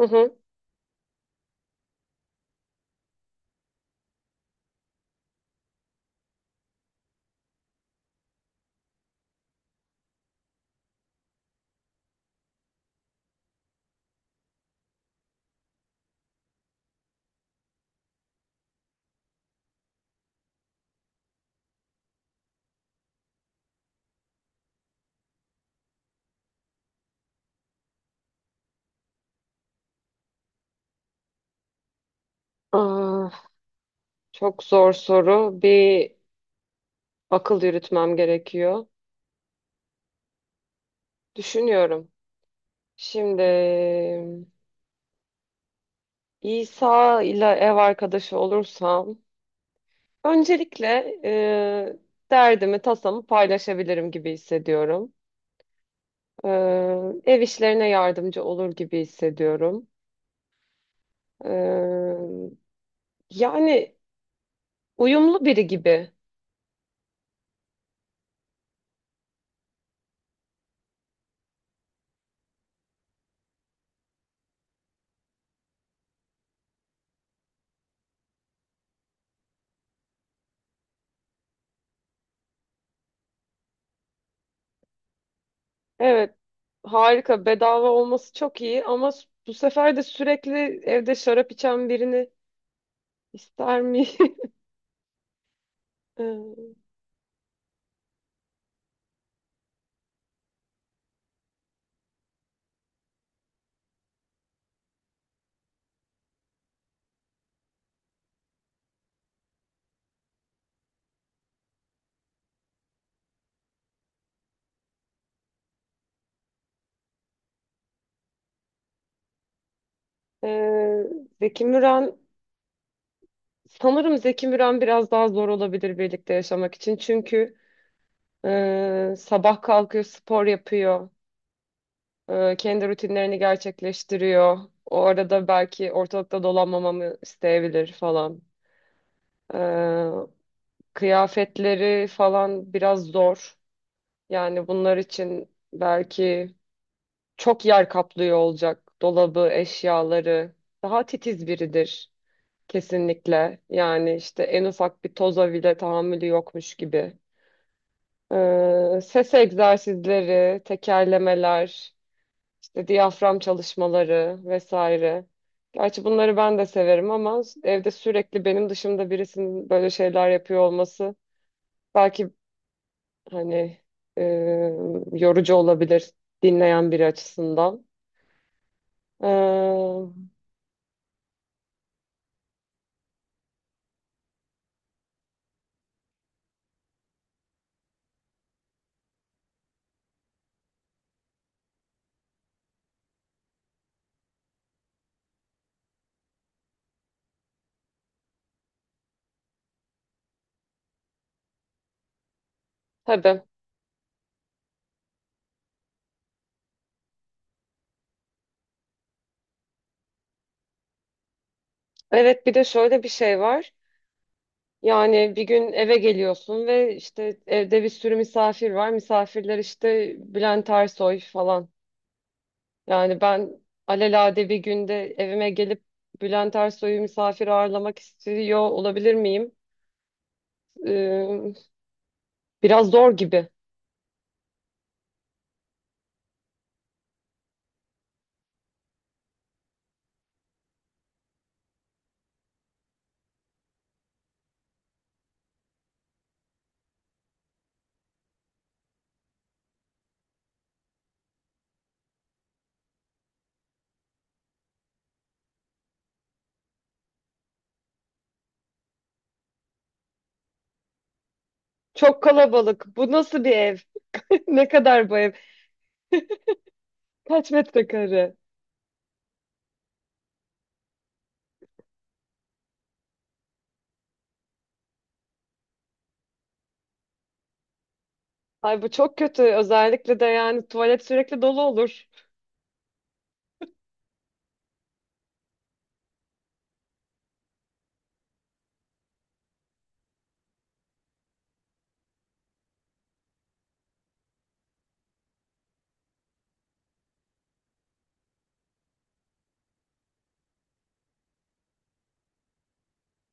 Hı hı. Aa, çok zor soru. Bir akıl yürütmem gerekiyor. Düşünüyorum. Şimdi İsa ile ev arkadaşı olursam öncelikle e, derdimi, tasamı paylaşabilirim gibi hissediyorum. E, ev işlerine yardımcı olur gibi hissediyorum. E, yani uyumlu biri gibi. Evet, harika. Bedava olması çok iyi ama bu sefer de sürekli evde şarap içen birini İster mi? Ee, Zeki Müren sanırım Zeki Müren biraz daha zor olabilir birlikte yaşamak için. Çünkü sabah kalkıyor, spor yapıyor, kendi rutinlerini gerçekleştiriyor. O arada belki ortalıkta dolanmamamı isteyebilir falan. Ee, kıyafetleri falan biraz zor. Yani bunlar için belki çok yer kaplıyor olacak dolabı, eşyaları. Daha titiz biridir. Kesinlikle. Yani işte en ufak bir toza bile tahammülü yokmuş gibi. Ses egzersizleri, tekerlemeler, işte diyafram çalışmaları vesaire. Gerçi bunları ben de severim ama evde sürekli benim dışımda birisinin böyle şeyler yapıyor olması belki hani e, yorucu olabilir dinleyen biri açısından. Ee, tabii. Evet bir de şöyle bir şey var. Yani bir gün eve geliyorsun ve işte evde bir sürü misafir var. Misafirler işte Bülent Ersoy falan. Yani ben alelade bir günde evime gelip Bülent Ersoy'u misafir ağırlamak istiyor olabilir miyim? Ee, biraz zor gibi. Çok kalabalık. Bu nasıl bir ev? Ne kadar bu ev? Kaç metrekare? Ay bu çok kötü. Özellikle de yani tuvalet sürekli dolu olur.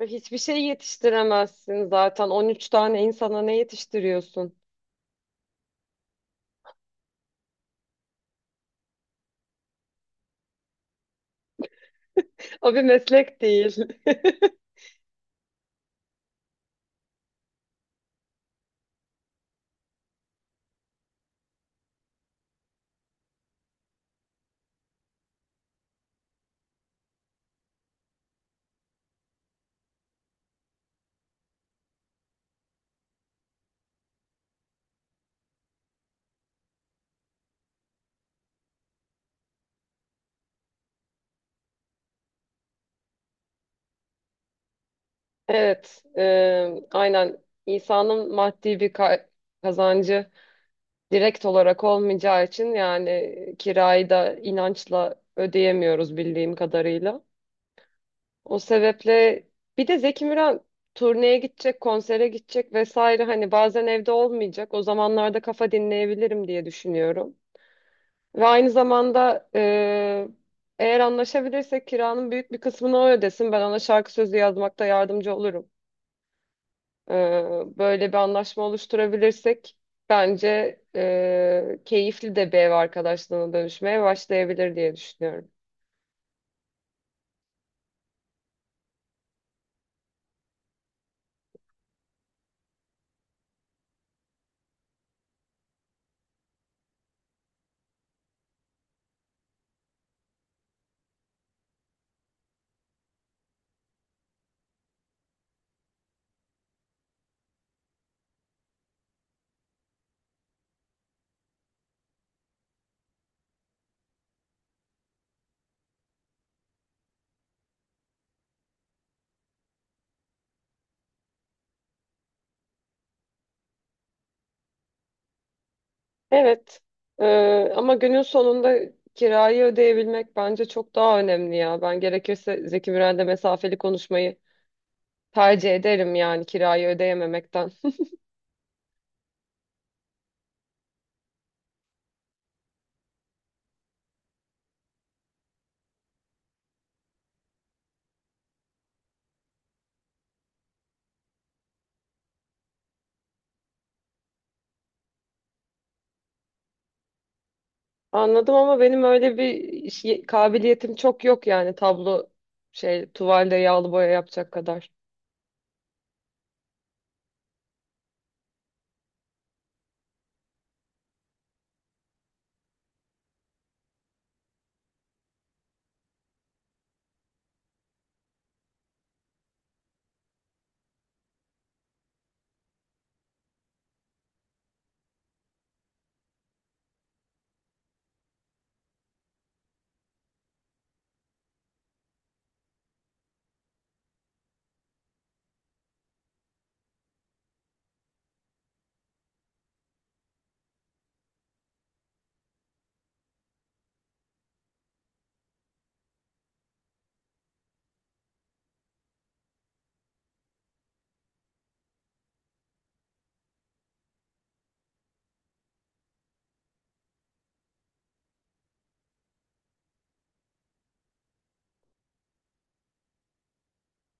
Ve hiçbir şey yetiştiremezsin zaten. 13 tane insana ne yetiştiriyorsun? O bir meslek değil. Evet, aynen insanın maddi bir kazancı direkt olarak olmayacağı için yani kirayı da inançla ödeyemiyoruz bildiğim kadarıyla. O sebeple bir de Zeki Müren turneye gidecek, konsere gidecek vesaire hani bazen evde olmayacak. O zamanlarda kafa dinleyebilirim diye düşünüyorum. Ve aynı zamanda eğer anlaşabilirsek kiranın büyük bir kısmını o ödesin. Ben ona şarkı sözü yazmakta yardımcı olurum. Ee, böyle bir anlaşma oluşturabilirsek bence keyifli de bir ev arkadaşlığına dönüşmeye başlayabilir diye düşünüyorum. Evet. Ee, ama günün sonunda kirayı ödeyebilmek bence çok daha önemli ya. Ben gerekirse Zeki Müren'le mesafeli konuşmayı tercih ederim yani kirayı ödeyememekten. Anladım ama benim öyle bir kabiliyetim çok yok yani tablo şey tuvalde yağlı boya yapacak kadar.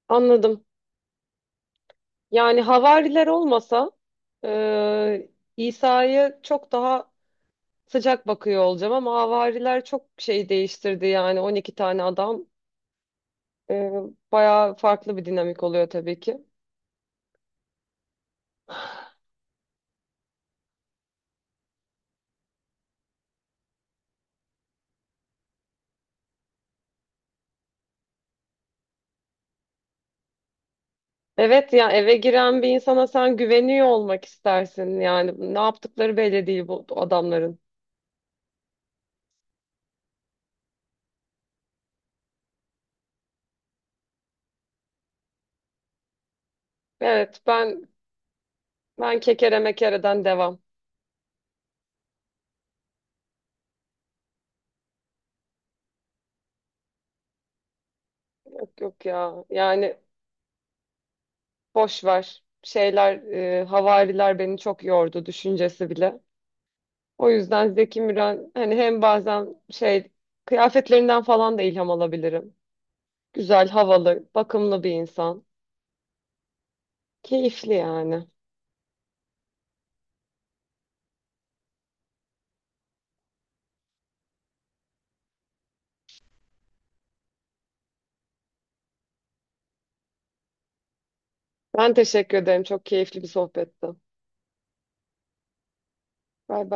Anladım. Yani havariler olmasa e, İsa'ya çok daha sıcak bakıyor olacağım ama havariler çok şey değiştirdi yani 12 tane adam e, bayağı farklı bir dinamik oluyor tabii ki. Evet ya eve giren bir insana sen güveniyor olmak istersin yani ne yaptıkları belli değil bu adamların. Evet ben kekere mekereden devam. Yok yok ya. Yani boş ver. Şeyler havariler beni çok yordu düşüncesi bile. O yüzden Zeki Müren hani hem bazen şey kıyafetlerinden falan da ilham alabilirim. Güzel, havalı, bakımlı bir insan. Keyifli yani. Ben teşekkür ederim. Çok keyifli bir sohbetti. Bay bay.